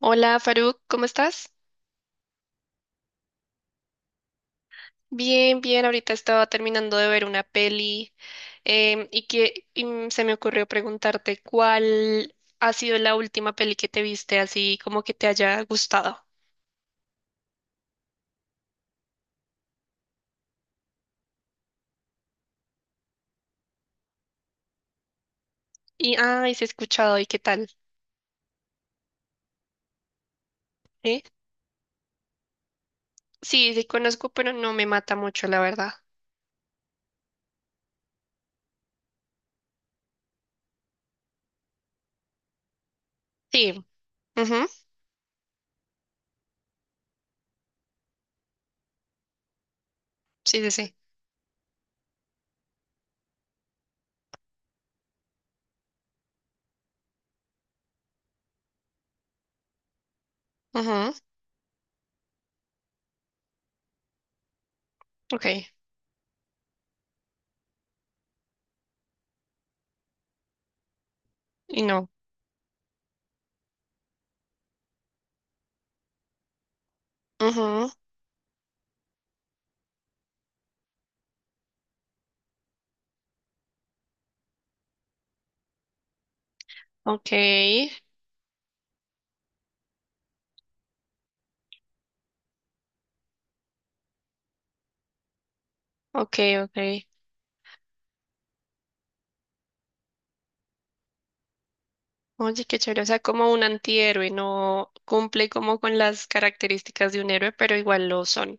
Hola Faruk, ¿cómo estás? Bien, bien, ahorita estaba terminando de ver una peli, se me ocurrió preguntarte cuál ha sido la última peli que te viste así como que te haya gustado. Y ay, se ha escuchado y qué tal, ¿eh? Sí, sí conozco, pero no me mata mucho, la verdad. Sí, ujú. Sí, sí, sí. Ujú. Ok, y no. Ujú. Ok, ok, ok. Oye, qué chévere, o sea, como un antihéroe, no cumple como con las características de un héroe, pero igual lo son.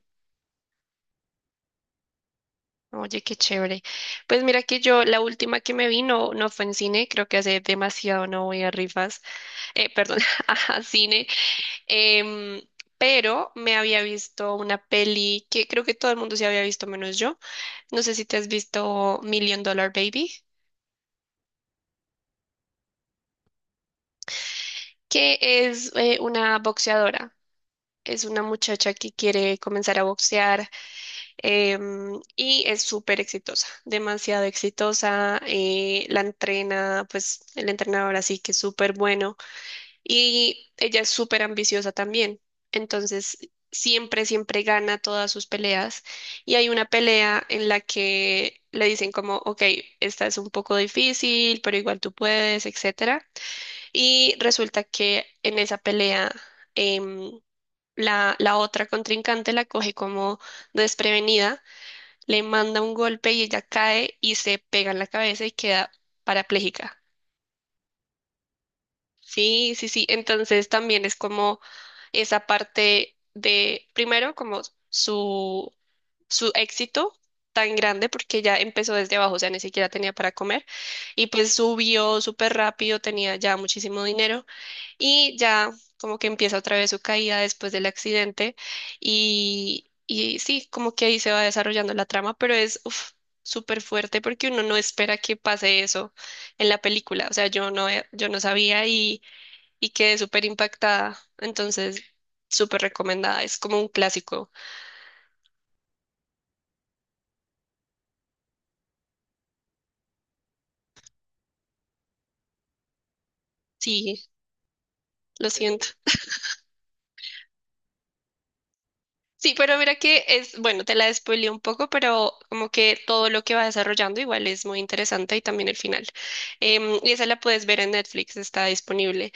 Oye, qué chévere. Pues mira que yo, la última que me vi no, no fue en cine, creo que hace demasiado no voy a rifas, perdón, a cine, em, pero me había visto una peli que creo que todo el mundo se había visto menos yo. No sé si te has visto Million Dollar Baby, que es una boxeadora, es una muchacha que quiere comenzar a boxear, y es súper exitosa, demasiado exitosa. La entrena, pues el entrenador así que es súper bueno y ella es súper ambiciosa también. Entonces, siempre gana todas sus peleas. Y hay una pelea en la que le dicen como, ok, esta es un poco difícil, pero igual tú puedes, etcétera. Y resulta que en esa pelea... em, la otra contrincante la coge como desprevenida, le manda un golpe y ella cae y se pega en la cabeza y queda parapléjica. Sí, sí, sí. Entonces también es como esa parte de, primero, como su, su éxito tan grande porque ya empezó desde abajo, o sea, ni siquiera tenía para comer y pues subió súper rápido, tenía ya muchísimo dinero y ya, como que empieza otra vez su caída después del accidente y sí, como que ahí se va desarrollando la trama, pero es uf, súper fuerte porque uno no espera que pase eso en la película. O sea, yo no, yo no sabía y quedé súper impactada. Entonces, súper recomendada. Es como un clásico. Sí, lo siento. Sí, pero mira que es, bueno, te la spoileé un poco, pero como que todo lo que va desarrollando igual es muy interesante y también el final. Y esa la puedes ver en Netflix, está disponible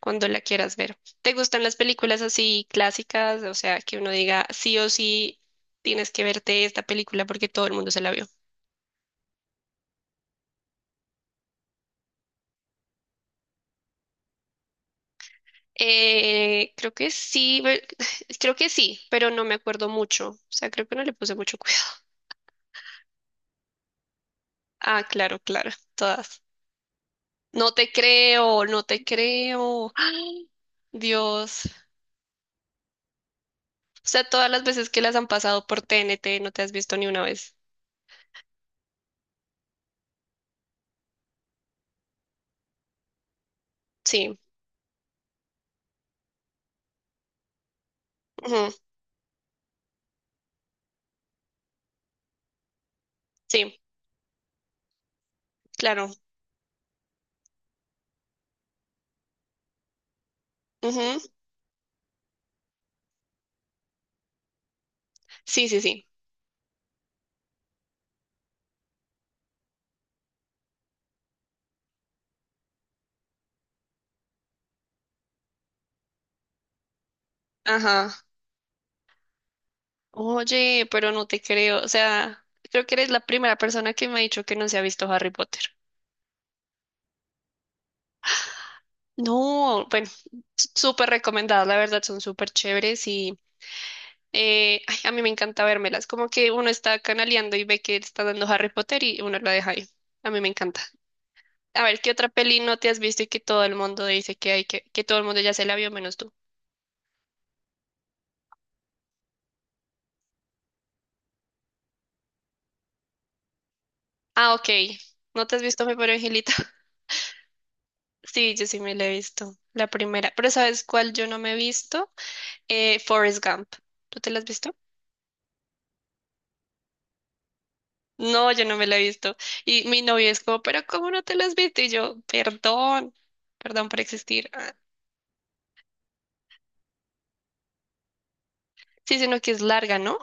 cuando la quieras ver. ¿Te gustan las películas así clásicas? O sea, que uno diga sí o sí tienes que verte esta película porque todo el mundo se la vio. Creo que sí, creo que sí, pero no me acuerdo mucho. O sea, creo que no le puse mucho cuidado. Ah, claro, claro, todas. No te creo, no te creo. Ay, Dios. O sea, todas las veces que las han pasado por TNT no te has visto ni una vez. Sí, ujú. Sí, claro. Ujú. Sí, sí, sí. Ajá. Oye, pero no te creo. O sea, creo que eres la primera persona que me ha dicho que no se ha visto Harry Potter. No, bueno, súper recomendadas, la verdad, son súper chéveres y ay, a mí me encanta vérmelas. Como que uno está canaleando y ve que está dando Harry Potter y uno la deja ahí. A mí me encanta. A ver, ¿qué otra peli no te has visto y que todo el mundo dice que hay que todo el mundo ya se la vio menos tú? Ah, ok. ¿No te has visto Mi pobre Angelita? Sí, yo sí me la he visto. La primera. Pero ¿sabes cuál yo no me he visto? Forrest Gump. ¿Tú te la has visto? No, yo no me la he visto. Y mi novio es como, pero ¿cómo no te la has visto? Y yo, perdón, perdón por existir. Ah, sí, sino que es larga, ¿no?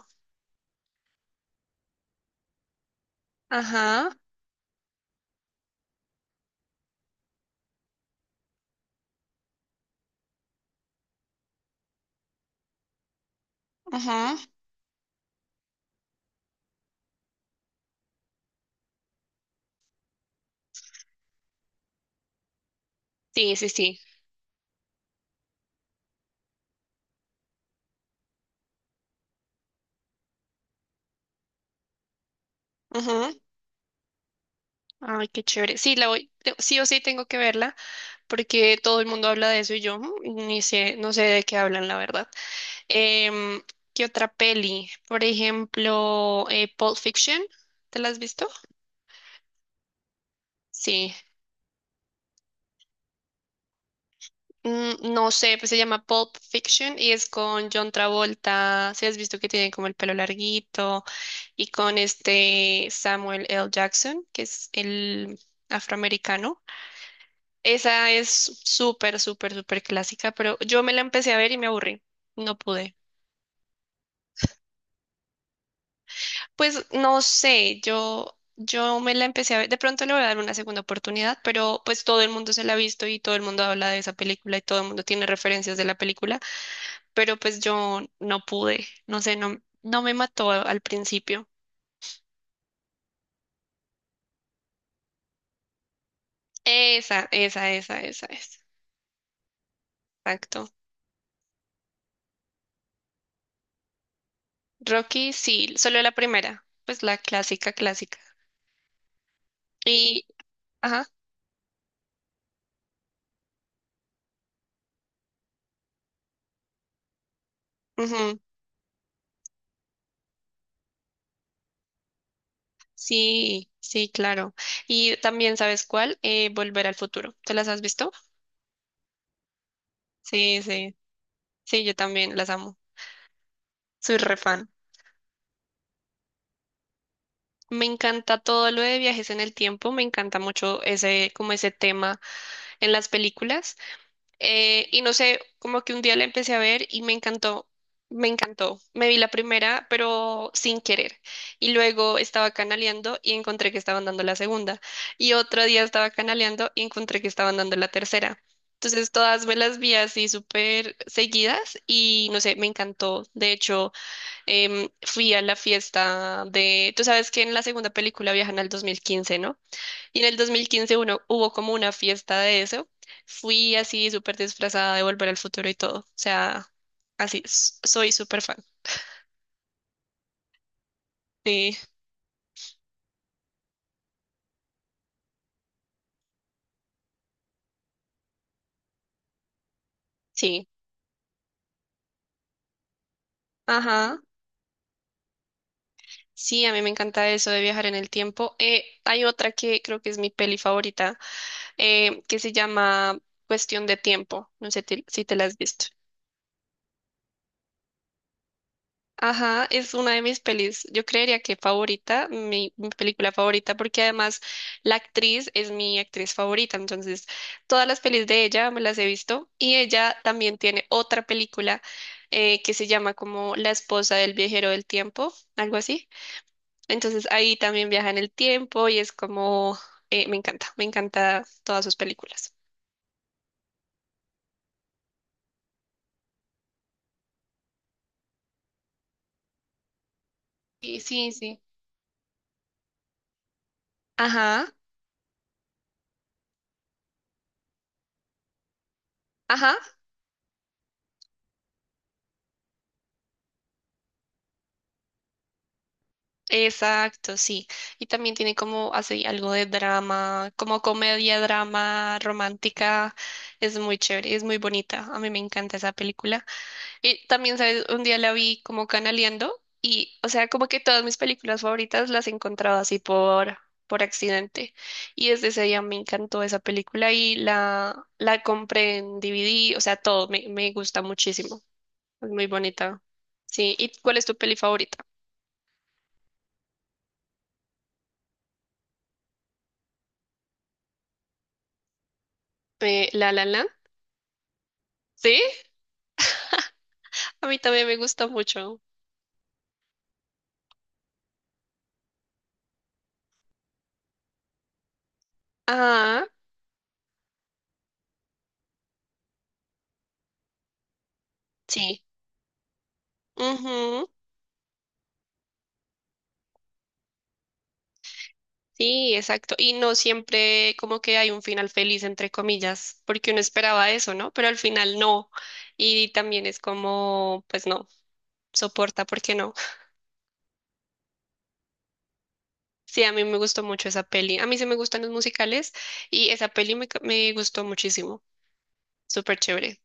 Ajá, ajá. Sí, sí, sí. Ay, qué chévere. Sí, la voy, sí o sí tengo que verla porque todo el mundo habla de eso y yo mm, ni sé, no sé de qué hablan, la verdad. Em, ¿Qué otra peli? Por ejemplo, Pulp Fiction. ¿Te la has visto? Sí. Mm, no sé, pues se llama Pulp Fiction y es con John Travolta. Si has visto que tiene como el pelo larguito y con este Samuel L. Jackson, que es el afroamericano. Esa es súper clásica, pero yo me la empecé a ver y me aburrí. No pude. Pues no sé, yo me la empecé a ver. De pronto le voy a dar una segunda oportunidad, pero pues todo el mundo se la ha visto y todo el mundo habla de esa película y todo el mundo tiene referencias de la película, pero pues yo no pude. No sé, no, no me mató al principio. Esa es. Exacto. Rocky, sí, solo la primera, pues la clásica, clásica. Y, ajá. Sí, sí, claro. Y también, ¿sabes cuál? Volver al futuro. ¿Te las has visto? Sí, sí, sí, yo también las amo. Soy re fan. Me encanta todo lo de viajes en el tiempo, me encanta mucho ese, como ese tema en las películas. Y no sé, como que un día la empecé a ver y me encantó, me encantó. Me vi la primera, pero sin querer. Y luego estaba canaleando y encontré que estaban dando la segunda. Y otro día estaba canaleando y encontré que estaban dando la tercera. Entonces todas me las vi así súper seguidas y no sé, me encantó. De hecho, fui a la fiesta de, tú sabes que en la segunda película viajan al 2015, ¿no? Y en el 2015 uno, hubo como una fiesta de eso. Fui así súper disfrazada de Volver al Futuro y todo. O sea, así, soy súper fan. Sí, sí. Ajá. Sí, a mí me encanta eso de viajar en el tiempo. Hay otra que creo que es mi peli favorita, que se llama Cuestión de Tiempo. No sé si te la has visto. Ajá, es una de mis pelis, yo creería que favorita, mi película favorita, porque además la actriz es mi actriz favorita, entonces todas las pelis de ella me las he visto y ella también tiene otra película que se llama como La esposa del viajero del tiempo, algo así. Entonces ahí también viaja en el tiempo y es como, me encanta todas sus películas. Sí, sí, sí. Ajá, ajá. Exacto, sí. Y también tiene como así algo de drama, como comedia, drama, romántica. Es muy chévere, es muy bonita. A mí me encanta esa película. Y también, ¿sabes? Un día la vi como canaleando y, o sea, como que todas mis películas favoritas las he encontrado así por accidente. Y desde ese día me encantó esa película y la compré en DVD, o sea, todo, me gusta muchísimo. Es muy bonita. Sí. ¿Y cuál es tu peli favorita? La La Land. ¿Sí? A mí también me gusta mucho. Ah, sí. Ujú. Sí, exacto. Y no siempre como que hay un final feliz, entre comillas, porque uno esperaba eso, ¿no? Pero al final no. Y también es como, pues no, soporta, ¿por qué no? Sí, a mí me gustó mucho esa peli. A mí sí me gustan los musicales y esa peli me, me gustó muchísimo. Súper chévere.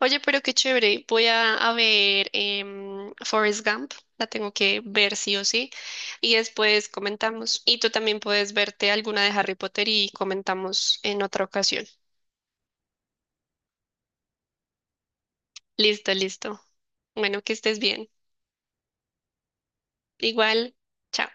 Oye, pero qué chévere. Voy a ver Forrest Gump. La tengo que ver sí o sí. Y después comentamos. Y tú también puedes verte alguna de Harry Potter y comentamos en otra ocasión. Listo, listo. Bueno, que estés bien. Igual, chao.